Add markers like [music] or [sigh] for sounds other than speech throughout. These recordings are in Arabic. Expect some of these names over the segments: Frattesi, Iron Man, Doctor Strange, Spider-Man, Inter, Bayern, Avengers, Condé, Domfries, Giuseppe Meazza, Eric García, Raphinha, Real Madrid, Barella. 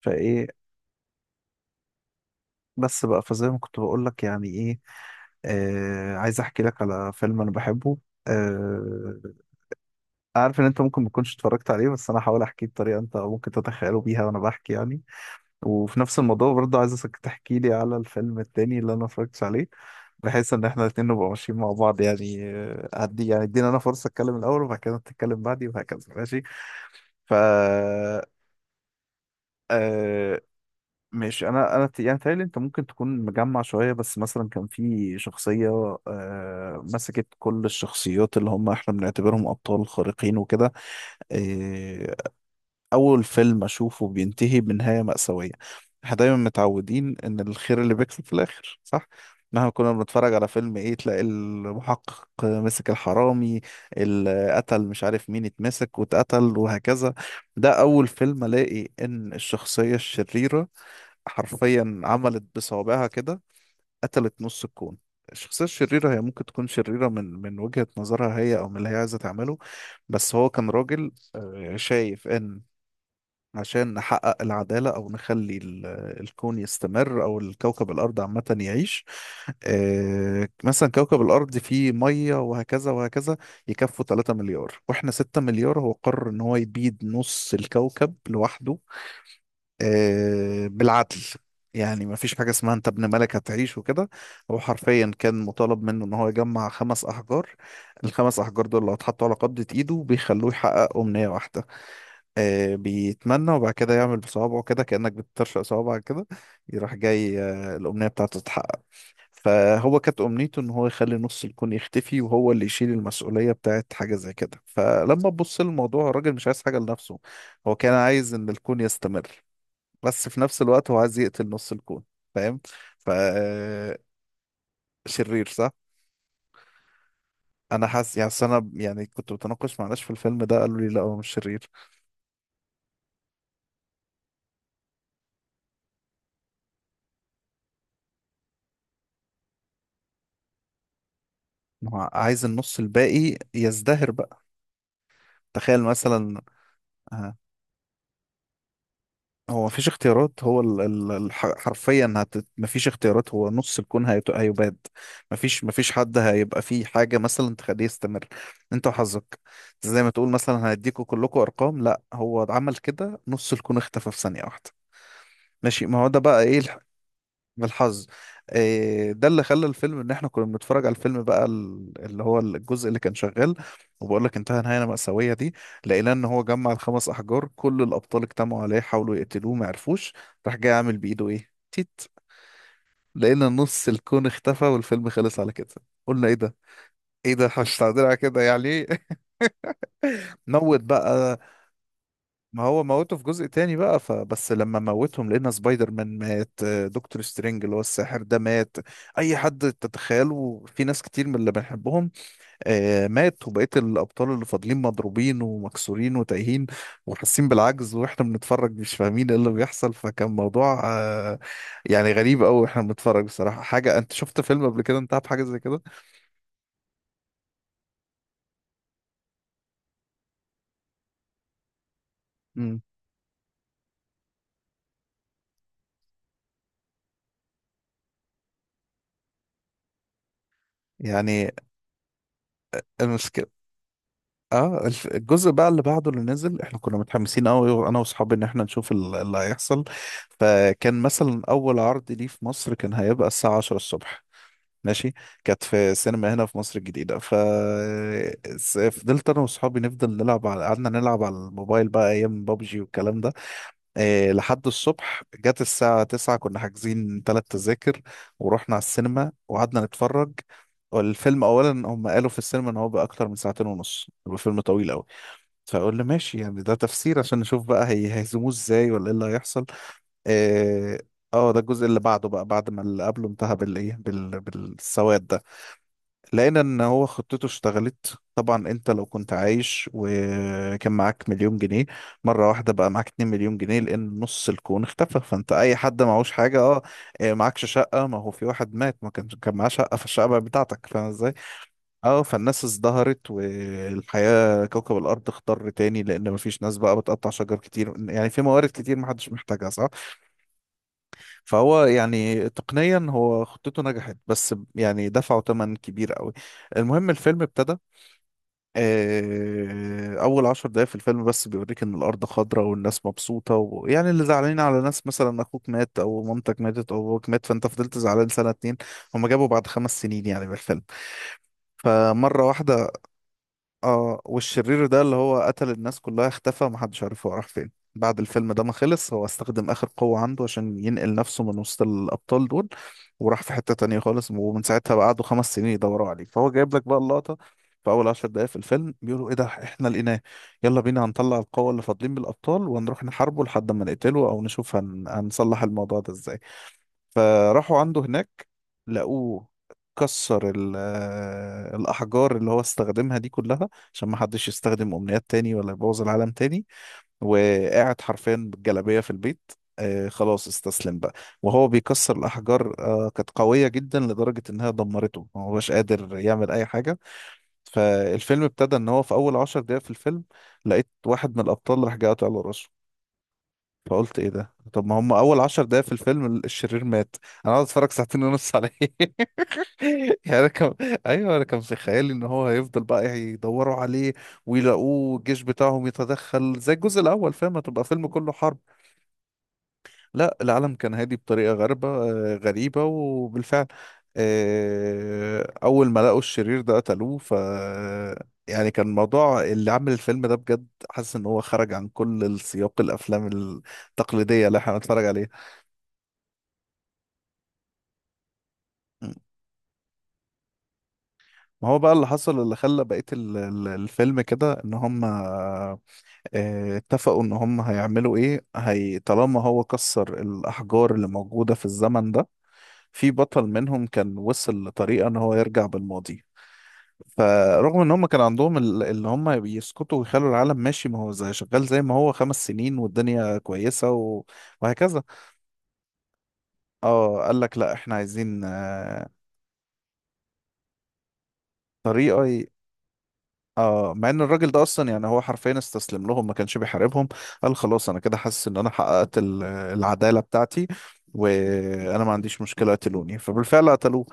فايه بس بقى فزي ما كنت بقول لك يعني ايه. آه، عايز احكي لك على فيلم انا بحبه. آه، عارف ان انت ممكن ما تكونش اتفرجت عليه، بس انا هحاول احكيه بطريقه انت ممكن تتخيله بيها وانا بحكي يعني. وفي نفس الموضوع برضه عايزك تحكي لي على الفيلم التاني اللي انا ما اتفرجتش عليه، بحيث ان احنا الاتنين نبقى ماشيين مع بعض، يعني هدي يعني ادينا انا فرصه اتكلم الاول وبعد كده تتكلم بعدي وهكذا. ماشي. ف آه، مش انا يعني تهيألي انت ممكن تكون مجمع شويه. بس مثلا كان في شخصيه مسكت كل الشخصيات اللي هم احنا بنعتبرهم ابطال خارقين وكده. آه، اول فيلم اشوفه بينتهي بنهايه مأساويه. احنا دايما متعودين ان الخير اللي بيكسب في الاخر، صح؟ مهما كنا بنتفرج على فيلم ايه تلاقي المحقق مسك الحرامي اللي قتل مش عارف مين، اتمسك واتقتل وهكذا. ده اول فيلم الاقي ان الشخصيه الشريره حرفيا عملت بصوابعها كده، قتلت نص الكون. الشخصية الشريرة هي ممكن تكون شريرة من وجهة نظرها هي أو من اللي هي عايزة تعمله. بس هو كان راجل شايف إن عشان نحقق العدالة أو نخلي الكون يستمر أو الكوكب الأرض عامة يعيش. مثلا كوكب الأرض فيه مية وهكذا وهكذا، يكفوا 3 مليار وإحنا 6 مليار. هو قرر إن هو يبيد نص الكوكب لوحده، بالعدل. يعني ما فيش حاجة اسمها انت ابن ملك هتعيش وكده. هو حرفيا كان مطالب منه ان هو يجمع خمس احجار. الخمس احجار دول لو اتحطوا على قبضة ايده بيخلوه يحقق امنية واحدة. بيتمنى وبعد كده يعمل بصوابعه كده كأنك بترشق صوابعك كده، يروح جاي الامنية بتاعته تتحقق. فهو كانت امنيته ان هو يخلي نص الكون يختفي، وهو اللي يشيل المسؤولية بتاعت حاجة زي كده. فلما تبص للموضوع، الراجل مش عايز حاجة لنفسه. هو كان عايز ان الكون يستمر، بس في نفس الوقت هو عايز يقتل نص الكون، فاهم؟ ف شرير صح. انا حاسس يعني، أصل انا يعني كنت بتناقش مع ناس في الفيلم ده قالوا لي لا هو مش شرير. ما هو عايز النص الباقي يزدهر بقى. تخيل مثلا. آه، هو مفيش اختيارات، هو حرفيا مفيش اختيارات، هو نص الكون هيباد. مفيش حد هيبقى فيه حاجة مثلا تخليه يستمر. انت وحظك، زي ما تقول مثلا هيديكوا كلكوا ارقام، لا هو عمل كده نص الكون اختفى في ثانية واحدة. ماشي، ما هو ده بقى ايه، بالحظ. إيه ده اللي خلى الفيلم، ان احنا كنا بنتفرج على الفيلم بقى اللي هو الجزء اللي كان شغال، وبقول لك انتهى نهايه مأساويه دي. لقينا ان هو جمع الخمس احجار، كل الابطال اجتمعوا عليه حاولوا يقتلوه ما عرفوش، راح جاي عامل بايده ايه تيت، لقينا نص الكون اختفى والفيلم خلص على كده. قلنا ايه ده، ايه ده [laughs] مش تعديل على كده يعني. [laughs] نوت بقى. ما هو موته في جزء تاني بقى، فبس لما موتهم لقينا سبايدر مان مات، دكتور سترينج اللي هو الساحر ده مات، اي حد تتخيله في ناس كتير من اللي بنحبهم مات. وبقيت الابطال اللي فاضلين مضروبين ومكسورين وتايهين وحاسين بالعجز، واحنا بنتفرج مش فاهمين ايه اللي بيحصل. فكان موضوع يعني غريب قوي واحنا بنتفرج بصراحة. حاجة، انت شفت فيلم قبل كده انتهى بحاجة زي كده؟ امم يعني المشكلة. اه الجزء بقى اللي بعده اللي نزل، احنا كنا متحمسين قوي انا واصحابي ان احنا نشوف اللي هيحصل. فكان مثلا اول عرض ليه في مصر كان هيبقى الساعة 10 الصبح، ماشي. كانت في سينما هنا في مصر الجديدة. فضلت انا واصحابي نفضل نلعب على، قعدنا نلعب على الموبايل بقى ايام بابجي والكلام ده إيه، لحد الصبح جت الساعة 9 كنا حاجزين ثلاث تذاكر. ورحنا على السينما وقعدنا نتفرج. والفيلم اولا هم قالوا في السينما ان هو بقى اكتر من ساعتين ونص، الفيلم طويل قوي. فاقول له ماشي يعني، ده تفسير عشان نشوف بقى هي هيهزموه ازاي ولا ايه اللي هيحصل. اه. ده الجزء اللي بعده بقى، بعد ما اللي قبله انتهى بالايه، بالسواد ده. لقينا ان هو خطته اشتغلت. طبعا انت لو كنت عايش وكان معاك مليون جنيه، مره واحده بقى معاك 2 مليون جنيه لان نص الكون اختفى، فانت اي حد معهوش حاجه. اه. معكش شقه، ما هو في واحد مات ما كانش كان معاه شقه فالشقه بقت بتاعتك، فاهم ازاي. اه. فالناس ازدهرت، والحياة كوكب الأرض اخضر تاني، لأن مفيش ناس بقى بتقطع شجر كتير، يعني في موارد كتير محدش محتاجها، صح؟ فهو يعني تقنيا هو خطته نجحت، بس يعني دفعوا تمن كبير قوي. المهم الفيلم ابتدى. أول 10 دقايق في الفيلم بس بيوريك إن الأرض خضراء والناس مبسوطة، ويعني اللي زعلانين على ناس مثلا أخوك مات أو مامتك ماتت أو أبوك مات فأنت فضلت زعلان سنة اتنين. هما جابوا بعد 5 سنين يعني من الفيلم، فمرة واحدة. اه. والشرير ده اللي هو قتل الناس كلها اختفى، محدش عارف هو راح فين. بعد الفيلم ده ما خلص، هو استخدم آخر قوة عنده عشان ينقل نفسه من وسط الأبطال دول، وراح في حتة تانية خالص. ومن ساعتها بقى قعدوا 5 سنين يدوروا عليه. فهو جايب لك بقى اللقطة، في أول 10 دقايق في الفيلم بيقولوا إيه ده إحنا لقيناه، يلا بينا هنطلع القوة اللي فاضلين بالأبطال وهنروح نحاربه لحد ما نقتله أو نشوف هنصلح الموضوع ده إزاي. فراحوا عنده هناك، لقوه كسر الأحجار اللي هو استخدمها دي كلها عشان ما حدش يستخدم أمنيات تاني ولا يبوظ العالم تاني. وقاعد حرفيا بالجلابية في البيت. خلاص استسلم بقى. وهو بيكسر الأحجار كانت قوية جدا لدرجة إنها دمرته ما هوش قادر يعمل أي حاجة. فالفيلم ابتدى إن هو في أول عشر دقايق في الفيلم لقيت واحد من الأبطال راح جاي قاطع له راسه. فقلت ايه ده، طب ما هم اول عشر دقايق في الفيلم الشرير مات. انا قاعد اتفرج ساعتين ونص عليه. [laughs] يعني انا كم، ايوه، انا كان في خيالي ان هو هيفضل بقى يدوروا عليه ويلاقوه الجيش بتاعهم يتدخل زي الجزء الاول، فاهم، هتبقى فيلم كله حرب. لا، العالم كان هادي بطريقه غريبه، غريبه وبالفعل. اول ما لقوا الشرير ده قتلوه. يعني كان الموضوع، اللي عامل الفيلم ده بجد حاسس ان هو خرج عن كل السياق، الافلام التقليديه اللي احنا بنتفرج عليها. مم. ما هو بقى اللي حصل اللي خلى بقية الفيلم كده، ان هم اتفقوا ان هم هيعملوا ايه هي، طالما هو كسر الاحجار اللي موجودة في الزمن ده. في بطل منهم كان وصل لطريقة ان هو يرجع بالماضي. فرغم ان هم كان عندهم اللي هم يسكتوا ويخلوا العالم ماشي ما هو زي شغال، زي ما هو 5 سنين والدنيا كويسة وهكذا. اه، قال لك لا احنا عايزين طريقة. اه، مع ان الراجل ده اصلا يعني هو حرفيا استسلم لهم ما كانش بيحاربهم. قال خلاص انا كده حاسس ان انا حققت العداله بتاعتي، وانا ما عنديش مشكله قتلوني. فبالفعل قتلوه.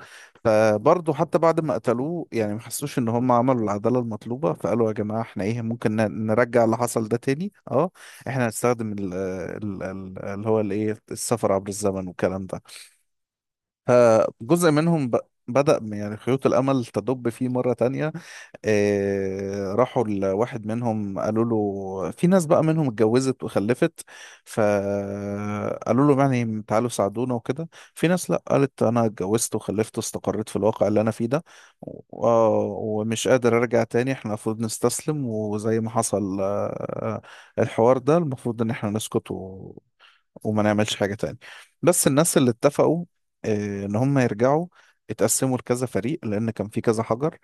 فبرضه حتى بعد ما قتلوه يعني ما حسوش ان هم عملوا العداله المطلوبه، فقالوا يا جماعه احنا ايه ممكن نرجع اللي حصل ده تاني. اه، احنا هنستخدم اللي هو الايه السفر عبر الزمن والكلام ده. فجزء منهم بدأ يعني خيوط الامل تدب فيه مره تانية. راحوا لواحد منهم قالوا له في ناس بقى منهم اتجوزت وخلفت، فقالوا له يعني تعالوا ساعدونا وكده. في ناس لا، قالت انا اتجوزت وخلفت واستقريت في الواقع اللي انا فيه ده و- آه، ومش قادر ارجع تاني، احنا المفروض نستسلم وزي ما حصل. الحوار ده المفروض ان احنا نسكت، وما نعملش حاجة تاني. بس الناس اللي اتفقوا ان هم يرجعوا، اتقسموا لكذا فريق لان كان في كذا حجر.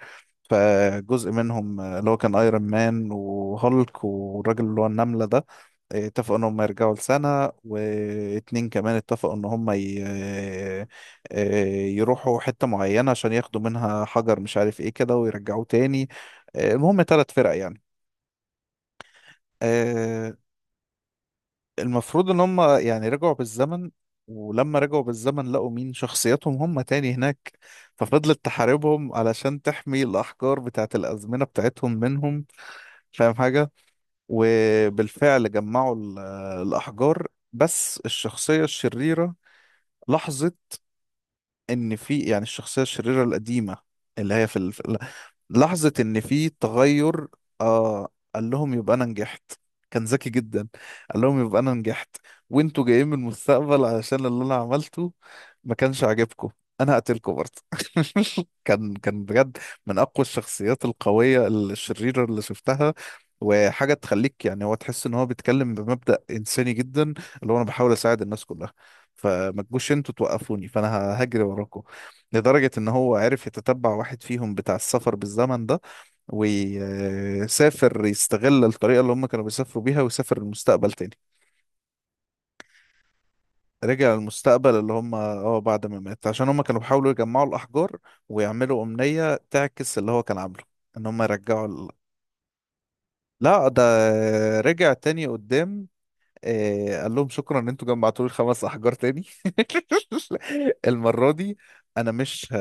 فجزء منهم اللي هو كان ايرون مان وهولك والراجل اللي هو النملة ده، اتفقوا ان هم يرجعوا لسنة واتنين كمان. اتفقوا ان هم ي... آه، آه، يروحوا حتة معينة عشان ياخدوا منها حجر مش عارف ايه كده ويرجعوه تاني. المهم تلات فرق يعني. آه، المفروض ان هم يعني رجعوا بالزمن. ولما رجعوا بالزمن لقوا مين، شخصياتهم هم تاني هناك، ففضلت تحاربهم علشان تحمي الأحجار بتاعت الأزمنة بتاعتهم منهم، فاهم حاجة. وبالفعل جمعوا الأحجار. بس الشخصية الشريرة لاحظت ان في، يعني الشخصيه الشريره القديمه اللي هي لحظه ان في تغير. آه قال لهم يبقى انا نجحت. كان ذكي جدا. قال لهم يبقى انا نجحت، وانتوا جايين من المستقبل علشان اللي انا عملته ما كانش عاجبكم، انا هقتلكم برضه. [laughs] كان بجد من اقوى الشخصيات القويه الشريره اللي شفتها. وحاجه تخليك يعني هو، تحس ان هو بيتكلم بمبدأ انساني جدا، اللي هو انا بحاول اساعد الناس كلها، فما تجوش انتوا توقفوني، فانا هجري وراكم. لدرجة ان هو عرف يتتبع واحد فيهم بتاع السفر بالزمن ده، ويسافر يستغل الطريقة اللي هم كانوا بيسافروا بيها ويسافر المستقبل تاني. رجع المستقبل اللي هم، اه، بعد ما مات عشان هم كانوا بيحاولوا يجمعوا الأحجار ويعملوا أمنية تعكس اللي هو كان عامله، ان هم يرجعوا لا ده رجع تاني قدام. قال لهم شكرا ان انتوا جمعتوا لي الخمس احجار تاني. [laughs] المره دي انا مش ه...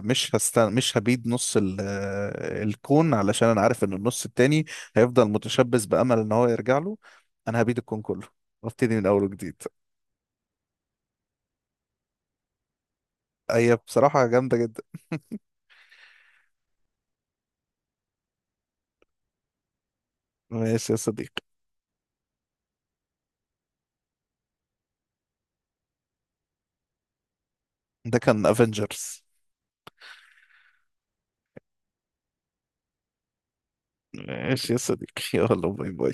مش هستن... مش هبيد نص ال... آه، الكون، علشان انا عارف ان النص التاني هيفضل متشبث بامل ان هو يرجع له، انا هبيد الكون كله وابتدي من اول وجديد. هي بصراحه جامده جدا. ماشي يا صديقي. ده كان افنجرز. ماشي يا صديقي، يلا باي باي.